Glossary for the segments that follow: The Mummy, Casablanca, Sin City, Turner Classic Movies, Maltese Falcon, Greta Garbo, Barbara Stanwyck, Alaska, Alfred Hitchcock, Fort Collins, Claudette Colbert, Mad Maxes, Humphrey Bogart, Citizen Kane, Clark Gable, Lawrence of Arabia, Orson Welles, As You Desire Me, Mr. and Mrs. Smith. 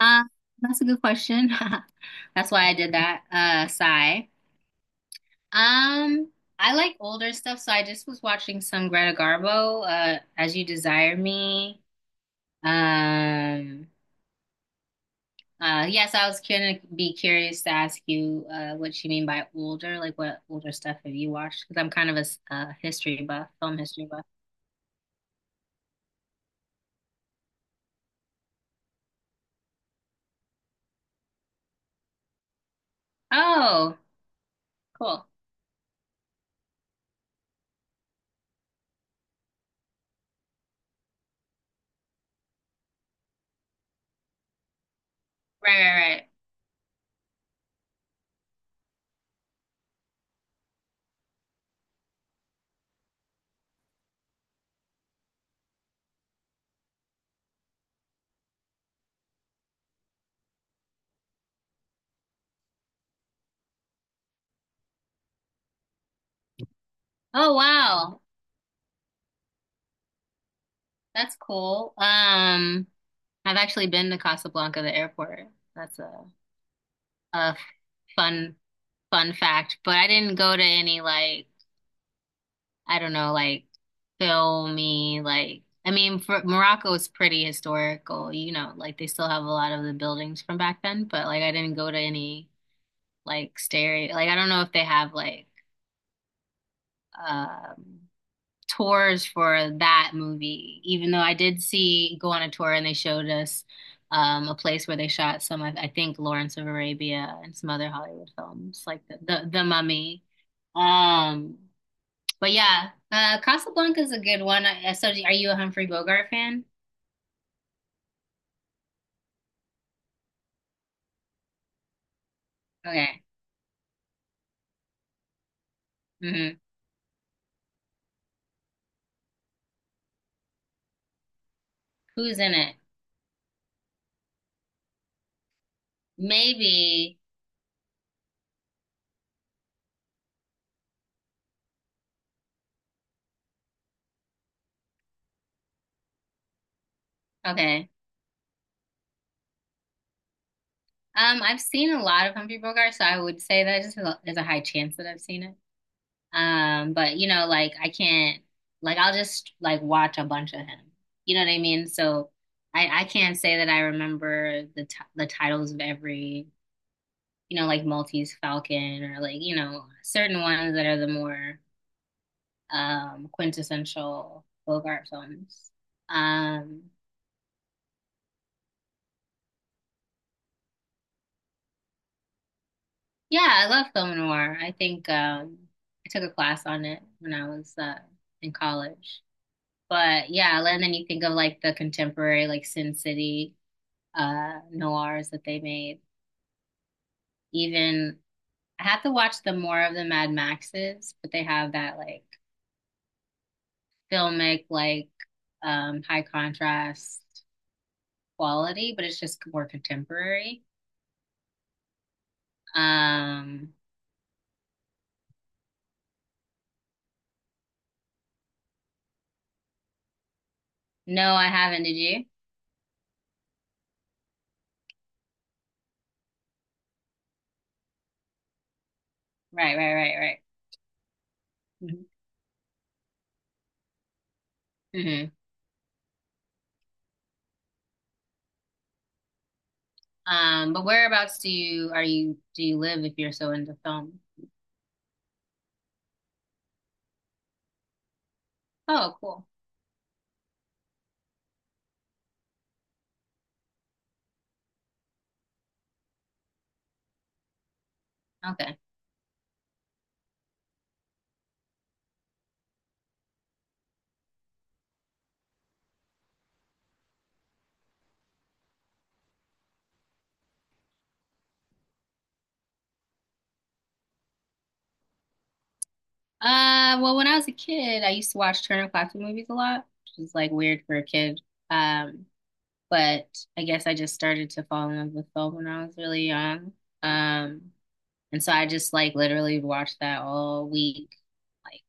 Uh, that's a good question. That's why I did that. Sigh. Um, I like older stuff, so I just was watching some Greta Garbo, As You Desire Me. Um, yes, I was gonna be curious to ask you, what you mean by older. Like, what older stuff have you watched? Because I'm kind of a, history buff, film history buff. Oh, cool. Right, right, right. Oh, wow. That's cool. I've actually been to Casablanca, the airport. That's a a fun fun fact. But I didn't go to any, like, I don't know, like, filmy, like, I mean for, Morocco is pretty historical, you know, like they still have a lot of the buildings from back then. But like I didn't go to any like stereo, like, I don't know if they have like um tours for that movie, even though I did see go on a tour and they showed us a place where they shot some, I think, Lawrence of Arabia and some other Hollywood films like the Mummy. Um, but yeah, Casablanca is a good one. I, so, are you a Humphrey Bogart fan? Okay. Hmm. Who's in it? Maybe. Okay. I've seen a lot of Humphrey Bogart, so I would say that just there's a high chance that I've seen it. But you know, like I can't, like, I'll just like watch a bunch of him. You know what I mean? So I can't say that I remember the titles of every, you know, like Maltese Falcon or, like, you know, certain ones that are the more quintessential Bogart films. Um yeah, I love film noir. I think I took a class on it when I was in college. But yeah, and then you think of like the contemporary like Sin City noirs that they made. Even I have to watch the more of the Mad Maxes, but they have that like filmic, like high contrast quality, but it's just more contemporary. Um no, I haven't, did you? Right, right, right, right. Hmm. But whereabouts do you live if you're so into film? Oh, cool. Okay. Well, when I was a kid, I used to watch Turner Classic movies a lot, which is like weird for a kid. Um, but I guess I just started to fall in love with film when I was really young. Um, and so I just like literally watched that all week, like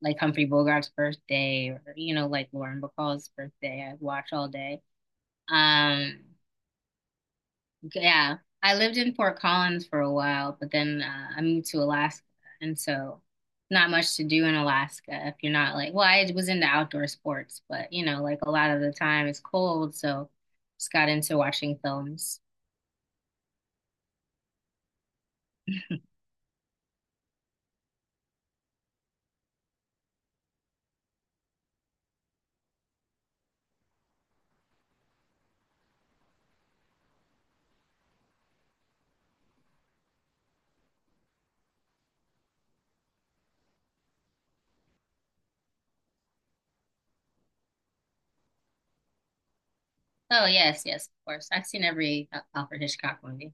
like Humphrey Bogart's birthday or, you know, like Lauren Bacall's birthday. I watch all day. Um, yeah, I lived in Fort Collins for a while, but then I moved to Alaska, and so not much to do in Alaska if you're not like. Well, I was into outdoor sports, but you know like a lot of the time it's cold, so just got into watching films. Oh yes, yes, of course. I've seen every Alfred Hitchcock movie.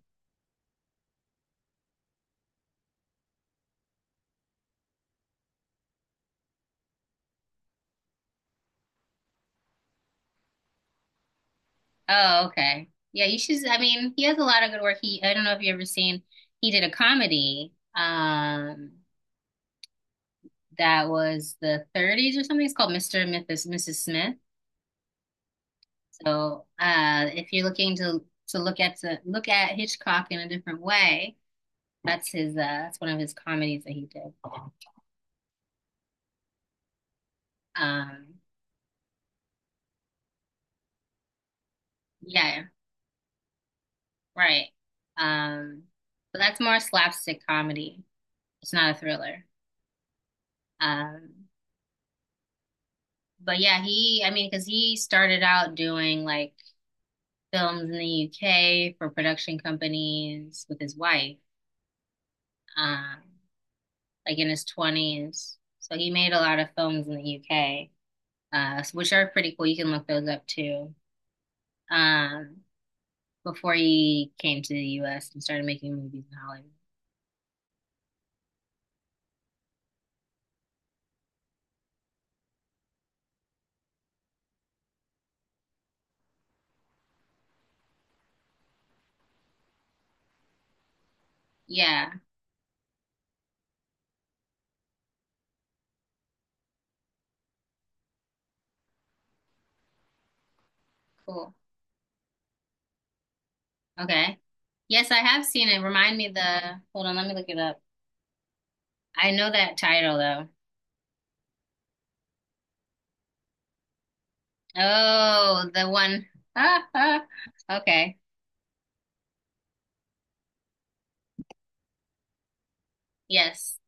Oh, okay. Yeah, you should. I mean, he has a lot of good work. He, I don't know if you ever seen. He did a comedy. That was the 30s or something. It's called Mr. and Mrs. Smith. So, if you're looking to to look at Hitchcock in a different way, that's his. That's one of his comedies that he did. Um, yeah, right. Um, but that's more slapstick comedy. It's not a thriller. Um, but yeah, he, I mean, because he started out doing like films in the UK for production companies with his wife, um, like in his 20s. So he made a lot of films in the UK, which are pretty cool. You can look those up too. Um, before he came to the US and started making movies in Hollywood. Yeah, cool. Okay. Yes, I have seen it. Remind me the, hold on, let me look it up. I know that title though. Oh, the one. Ah, ah. Okay. Yes.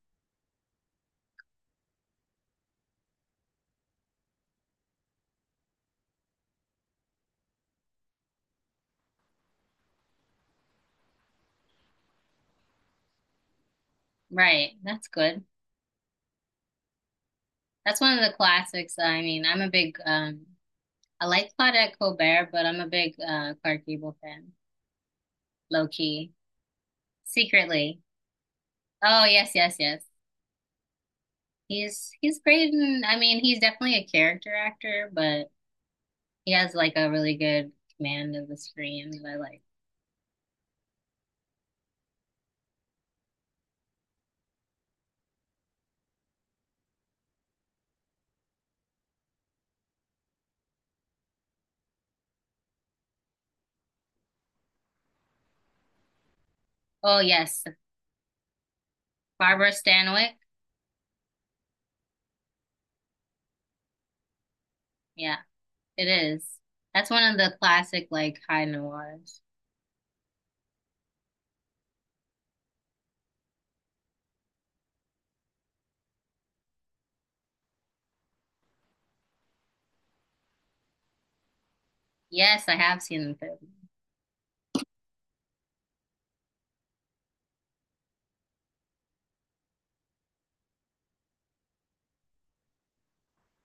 Right. That's good. That's one of the classics. I mean, I'm a big I like Claudette Colbert, but I'm a big Clark Gable fan. Low key. Secretly. Oh, yes, yes, yes. He's great and I mean, he's definitely a character actor, but he has like a really good command of the screen that I like. Oh, yes. Barbara Stanwyck. Yeah, it is. That's one of the classic like high noirs. Yes, I have seen the third one.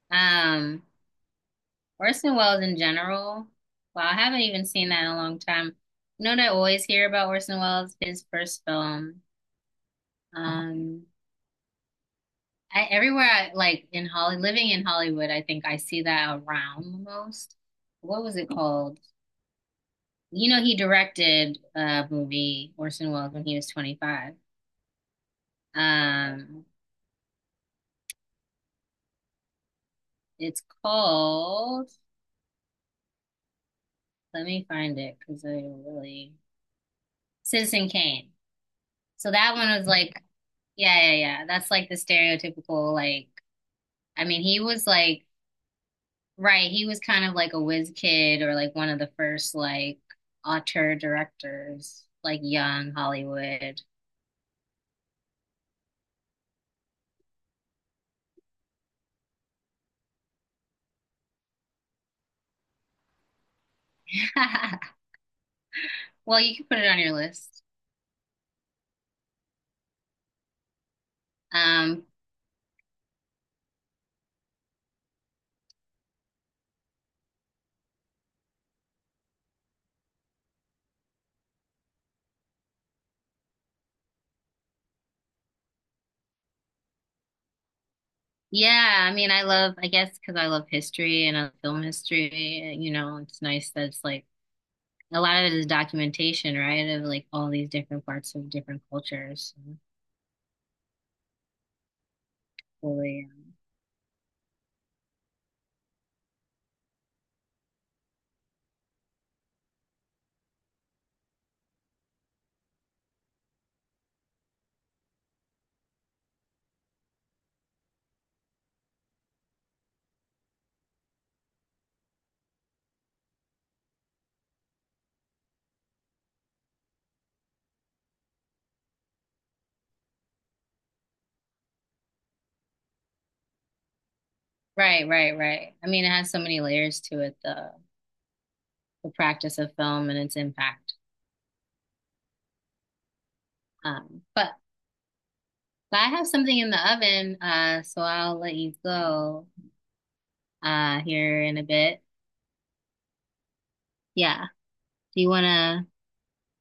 Um, Orson Welles in general. Well, I haven't even seen that in a long time. You know what I always hear about Orson Welles? His first film. Um, I, everywhere I like in Holly, living in Hollywood, I think I see that around the most. What was it called? You know, he directed a movie, Orson Welles, when he was 25. Um, it's called, let me find it because I really, Citizen Kane. So that one was like Yeah, yeah, yeah. That's like the stereotypical, like, I mean, he was like, right, he was kind of like a whiz kid or like one of the first like auteur directors, like young Hollywood. Well, you can put it on your list. Um, yeah, I mean, I love, I guess, because I love history and I love film history, you know, it's nice that it's like a lot of it is documentation, right, of like all these different parts of different cultures. So, really, right, right, right. I mean, it has so many layers to it, though. The practice of film and its impact. Um, but, but I have something in the oven, so I'll let you go here in a bit. Yeah. Do you want to